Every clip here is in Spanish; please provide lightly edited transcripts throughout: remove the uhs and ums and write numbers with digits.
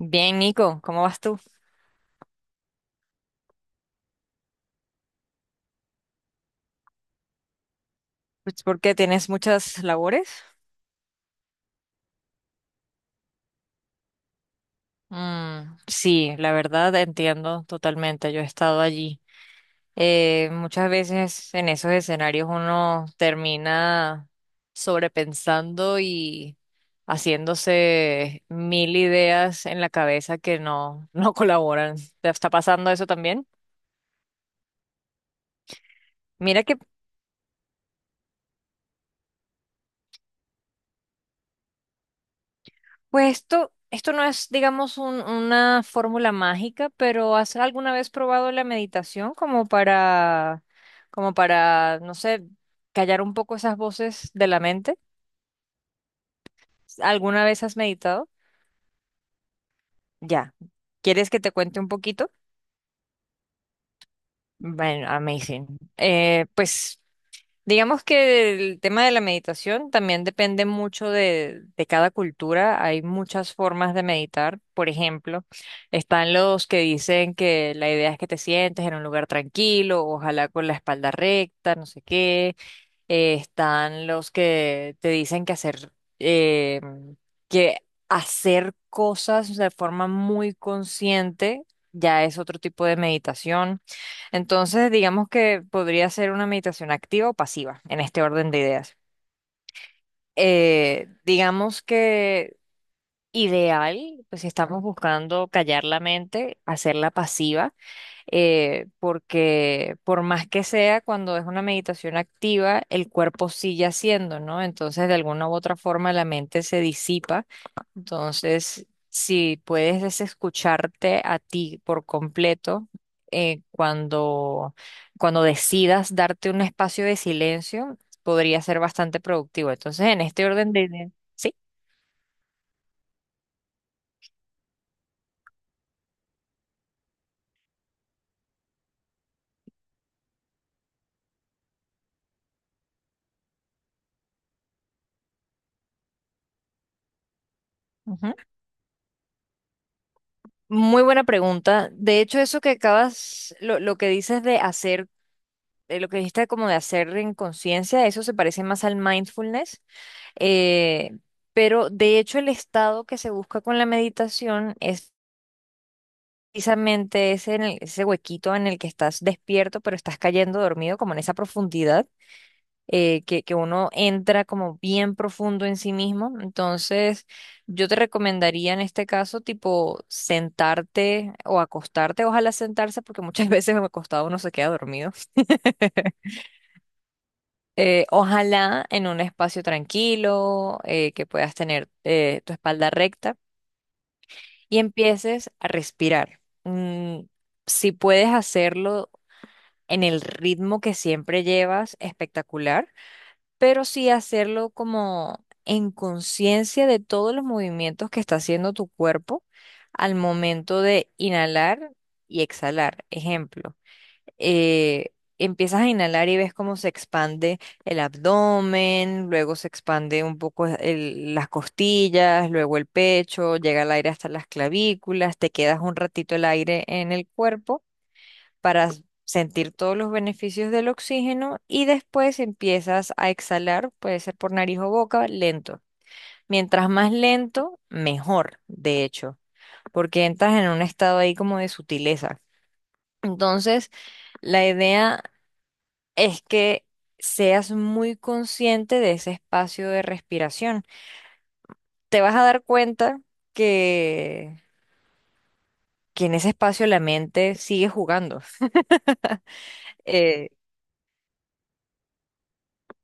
Bien, Nico, ¿cómo vas tú? Pues ¿por qué tienes muchas labores. Sí, la verdad entiendo totalmente. Yo he estado allí. Muchas veces en esos escenarios uno termina sobrepensando y haciéndose mil ideas en la cabeza que no, no colaboran. ¿Te está pasando eso también? Mira que Pues esto no es, digamos, una fórmula mágica, pero ¿has alguna vez probado la meditación como para, como para, no sé, callar un poco esas voces de la mente? ¿Alguna vez has meditado? Ya. ¿Quieres que te cuente un poquito? Bueno, amazing. Eh, pues Digamos que el tema de la meditación también depende mucho de cada cultura. Hay muchas formas de meditar. Por ejemplo, están los que dicen que la idea es que te sientes en un lugar tranquilo, ojalá con la espalda recta, no sé qué. Están los que te dicen eh, que hacer cosas de forma muy consciente ya es otro tipo de meditación. Entonces, digamos que podría ser una meditación activa o pasiva en este orden de ideas. Digamos que ideal, pues si estamos buscando callar la mente, hacerla pasiva, porque por más que sea, cuando es una meditación activa, el cuerpo sigue haciendo, ¿no? Entonces, de alguna u otra forma, la mente se disipa. Entonces, si puedes desescucharte a ti por completo, eh, cuando, cuando decidas darte un espacio de silencio, podría ser bastante productivo. Entonces, en este orden de ideas, sí. Ujú. Muy buena pregunta. De hecho, eso que acabas, lo que dices de hacer, lo que dijiste como de hacer en conciencia, eso se parece más al mindfulness. eh, pero de hecho, el estado que se busca con la meditación es precisamente ese, ese huequito en el que estás despierto, pero estás cayendo dormido, como en esa profundidad, que uno entra como bien profundo en sí mismo. Entonces, yo te recomendaría en este caso, tipo, sentarte o acostarte, ojalá sentarse, porque muchas veces acostado uno se queda dormido. Ojalá en un espacio tranquilo, que puedas tener tu espalda recta y empieces a respirar. Si puedes hacerlo en el ritmo que siempre llevas, espectacular. Pero sí hacerlo como en conciencia de todos los movimientos que está haciendo tu cuerpo al momento de inhalar y exhalar. Ejemplo, eh, empiezas a inhalar y ves cómo se expande el abdomen, luego se expande un poco las costillas, luego el pecho, llega el aire hasta las clavículas, te quedas un ratito el aire en el cuerpo para sentir todos los beneficios del oxígeno y después empiezas a exhalar, puede ser por nariz o boca, lento. Mientras más lento, mejor, de hecho, porque entras en un estado ahí como de sutileza. Entonces, la idea es que seas muy consciente de ese espacio de respiración. Te vas a dar cuenta que, que en ese espacio la mente sigue jugando. Eh,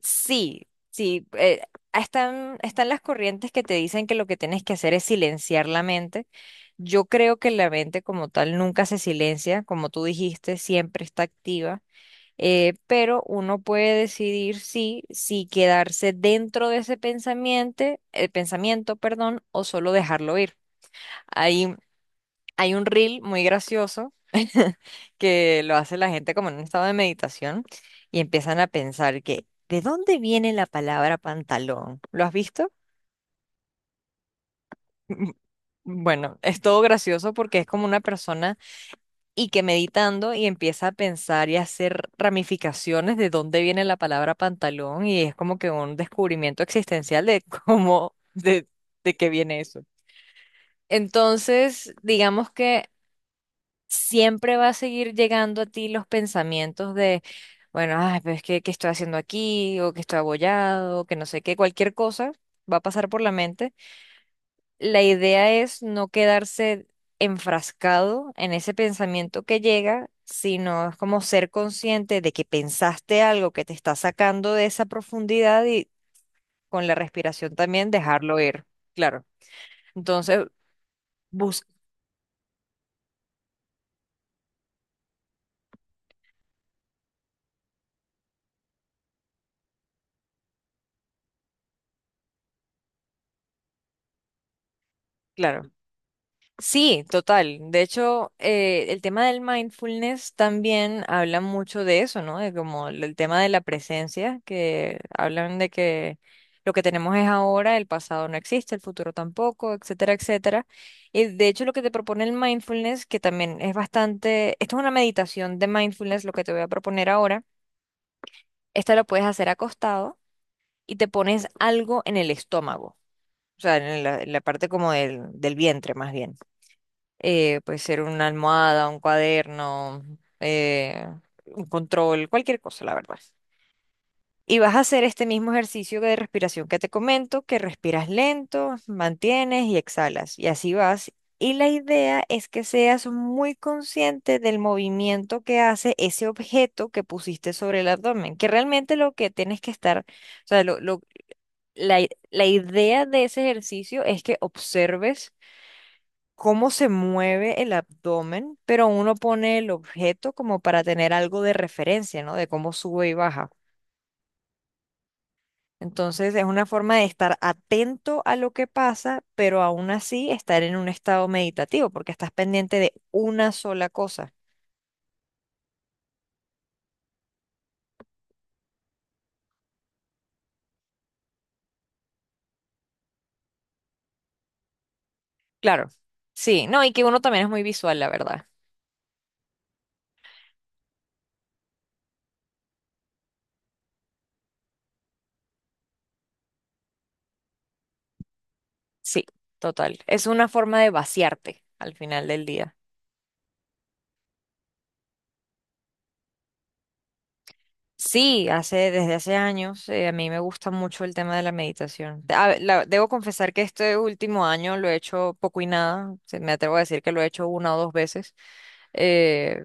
Sí, sí, están las corrientes que te dicen que lo que tienes que hacer es silenciar la mente. Yo creo que la mente como tal nunca se silencia, como tú dijiste, siempre está activa. Pero uno puede decidir si quedarse dentro de ese pensamiento, el pensamiento, perdón, o solo dejarlo ir. Hay Hay un reel muy gracioso que lo hace la gente como en un estado de meditación y empiezan a pensar que, ¿de dónde viene la palabra pantalón? ¿Lo has visto? Mm, Bueno, es todo gracioso porque es como una persona y que meditando y empieza a pensar y a hacer ramificaciones de dónde viene la palabra pantalón y es como que un descubrimiento existencial de de qué viene eso. Entonces, digamos que siempre va a seguir llegando a ti los pensamientos de, bueno, ay, pero es que, ¿qué estoy haciendo aquí? O que estoy abollado, o que no sé qué, cualquier cosa va a pasar por la mente. La idea es no quedarse enfrascado en ese pensamiento que llega, sino es como ser consciente de que pensaste algo que te está sacando de esa profundidad y con la respiración también dejarlo ir, claro. Entonces, bus, claro. Sí, total. De hecho, el tema del mindfulness también habla mucho de eso, ¿no? De como el tema de la presencia, que hablan de que lo que tenemos es ahora, el pasado no existe, el futuro tampoco, etcétera, etcétera. Y de hecho, lo que te propone el mindfulness, que también es bastante, esto es una meditación de mindfulness, lo que te voy a proponer ahora, esta lo puedes hacer acostado y te pones algo en el estómago, o sea, en la parte como del vientre más bien. Puede ser una almohada, un cuaderno, eh, un control, cualquier cosa, la verdad. Y vas a hacer este mismo ejercicio de respiración que te comento, que respiras lento, mantienes y exhalas. Y así vas. Y la idea es que seas muy consciente del movimiento que hace ese objeto que pusiste sobre el abdomen, que realmente lo que tienes que estar, la idea de ese ejercicio es que observes cómo se mueve el abdomen, pero uno pone el objeto como para tener algo de referencia, ¿no? De cómo sube y baja. Entonces es una forma de estar atento a lo que pasa, pero aún así estar en un estado meditativo, porque estás pendiente de una sola cosa. Claro, sí, no, y que uno también es muy visual, la verdad. Sí, total. Es una forma de vaciarte al final del día. Sí, hace, desde hace años, a mí me gusta mucho el tema de la meditación. Debo confesar que este último año lo he hecho poco y nada. Me atrevo a decir que lo he hecho una o dos veces. Eh,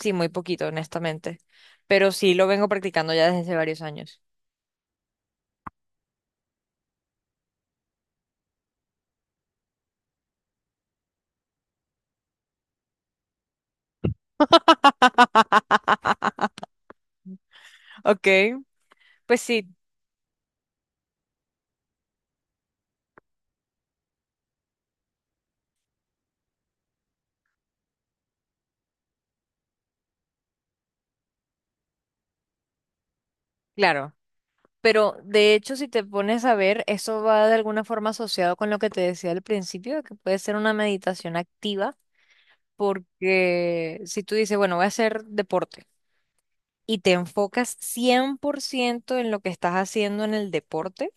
sí, muy poquito, honestamente. Pero sí lo vengo practicando ya desde hace varios años. Ok, pues sí, claro. Pero de hecho, si te pones a ver, eso va de alguna forma asociado con lo que te decía al principio, de que puede ser una meditación activa, porque si tú dices, bueno, voy a hacer deporte. Y te enfocas 100% en lo que estás haciendo en el deporte,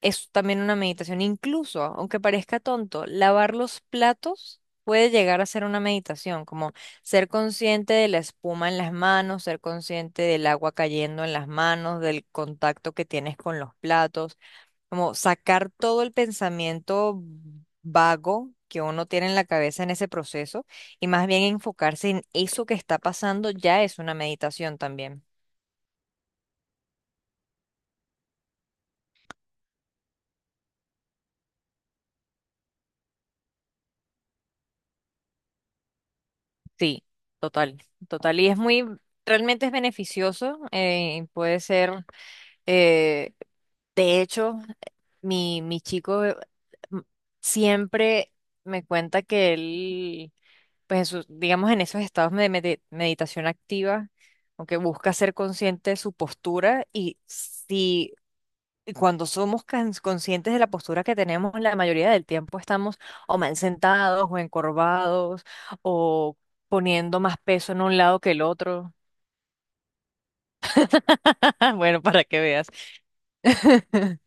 es también una meditación. Incluso, aunque parezca tonto, lavar los platos puede llegar a ser una meditación, como ser consciente de la espuma en las manos, ser consciente del agua cayendo en las manos, del contacto que tienes con los platos, como sacar todo el pensamiento vago que uno tiene en la cabeza en ese proceso y más bien enfocarse en eso que está pasando ya es una meditación también. Sí, total, total. Y es muy, realmente es beneficioso. Eh, de hecho, mi chico, m- siempre me cuenta que él, pues, digamos, en esos estados de meditación activa, aunque busca ser consciente de su postura y si y cuando somos conscientes de la postura que tenemos, la mayoría del tiempo estamos o mal sentados o encorvados o poniendo más peso en un lado que el otro. Bueno, para que veas.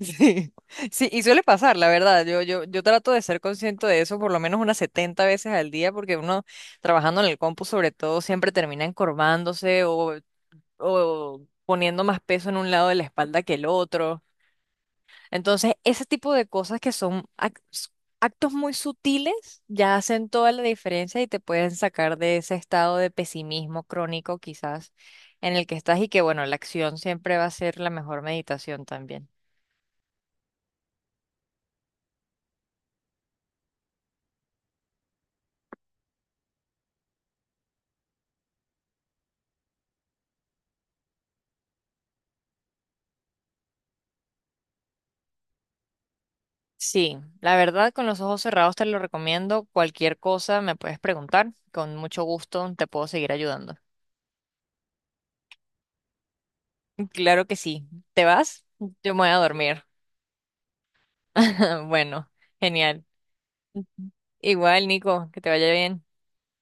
Sí, sí, y suele pasar, la verdad. Yo trato de ser consciente de eso por lo menos unas 70 veces al día, porque uno trabajando en el compu, sobre todo, siempre termina encorvándose o poniendo más peso en un lado de la espalda que el otro. Entonces, ese tipo de cosas que son actos muy sutiles ya hacen toda la diferencia y te pueden sacar de ese estado de pesimismo crónico quizás en el que estás y que bueno, la acción siempre va a ser la mejor meditación también. Sí, la verdad, con los ojos cerrados te lo recomiendo. Cualquier cosa me puedes preguntar. Con mucho gusto te puedo seguir ayudando. Claro que sí. ¿Te vas? Yo me voy a dormir. Bueno, genial. Igual, Nico, que te vaya bien.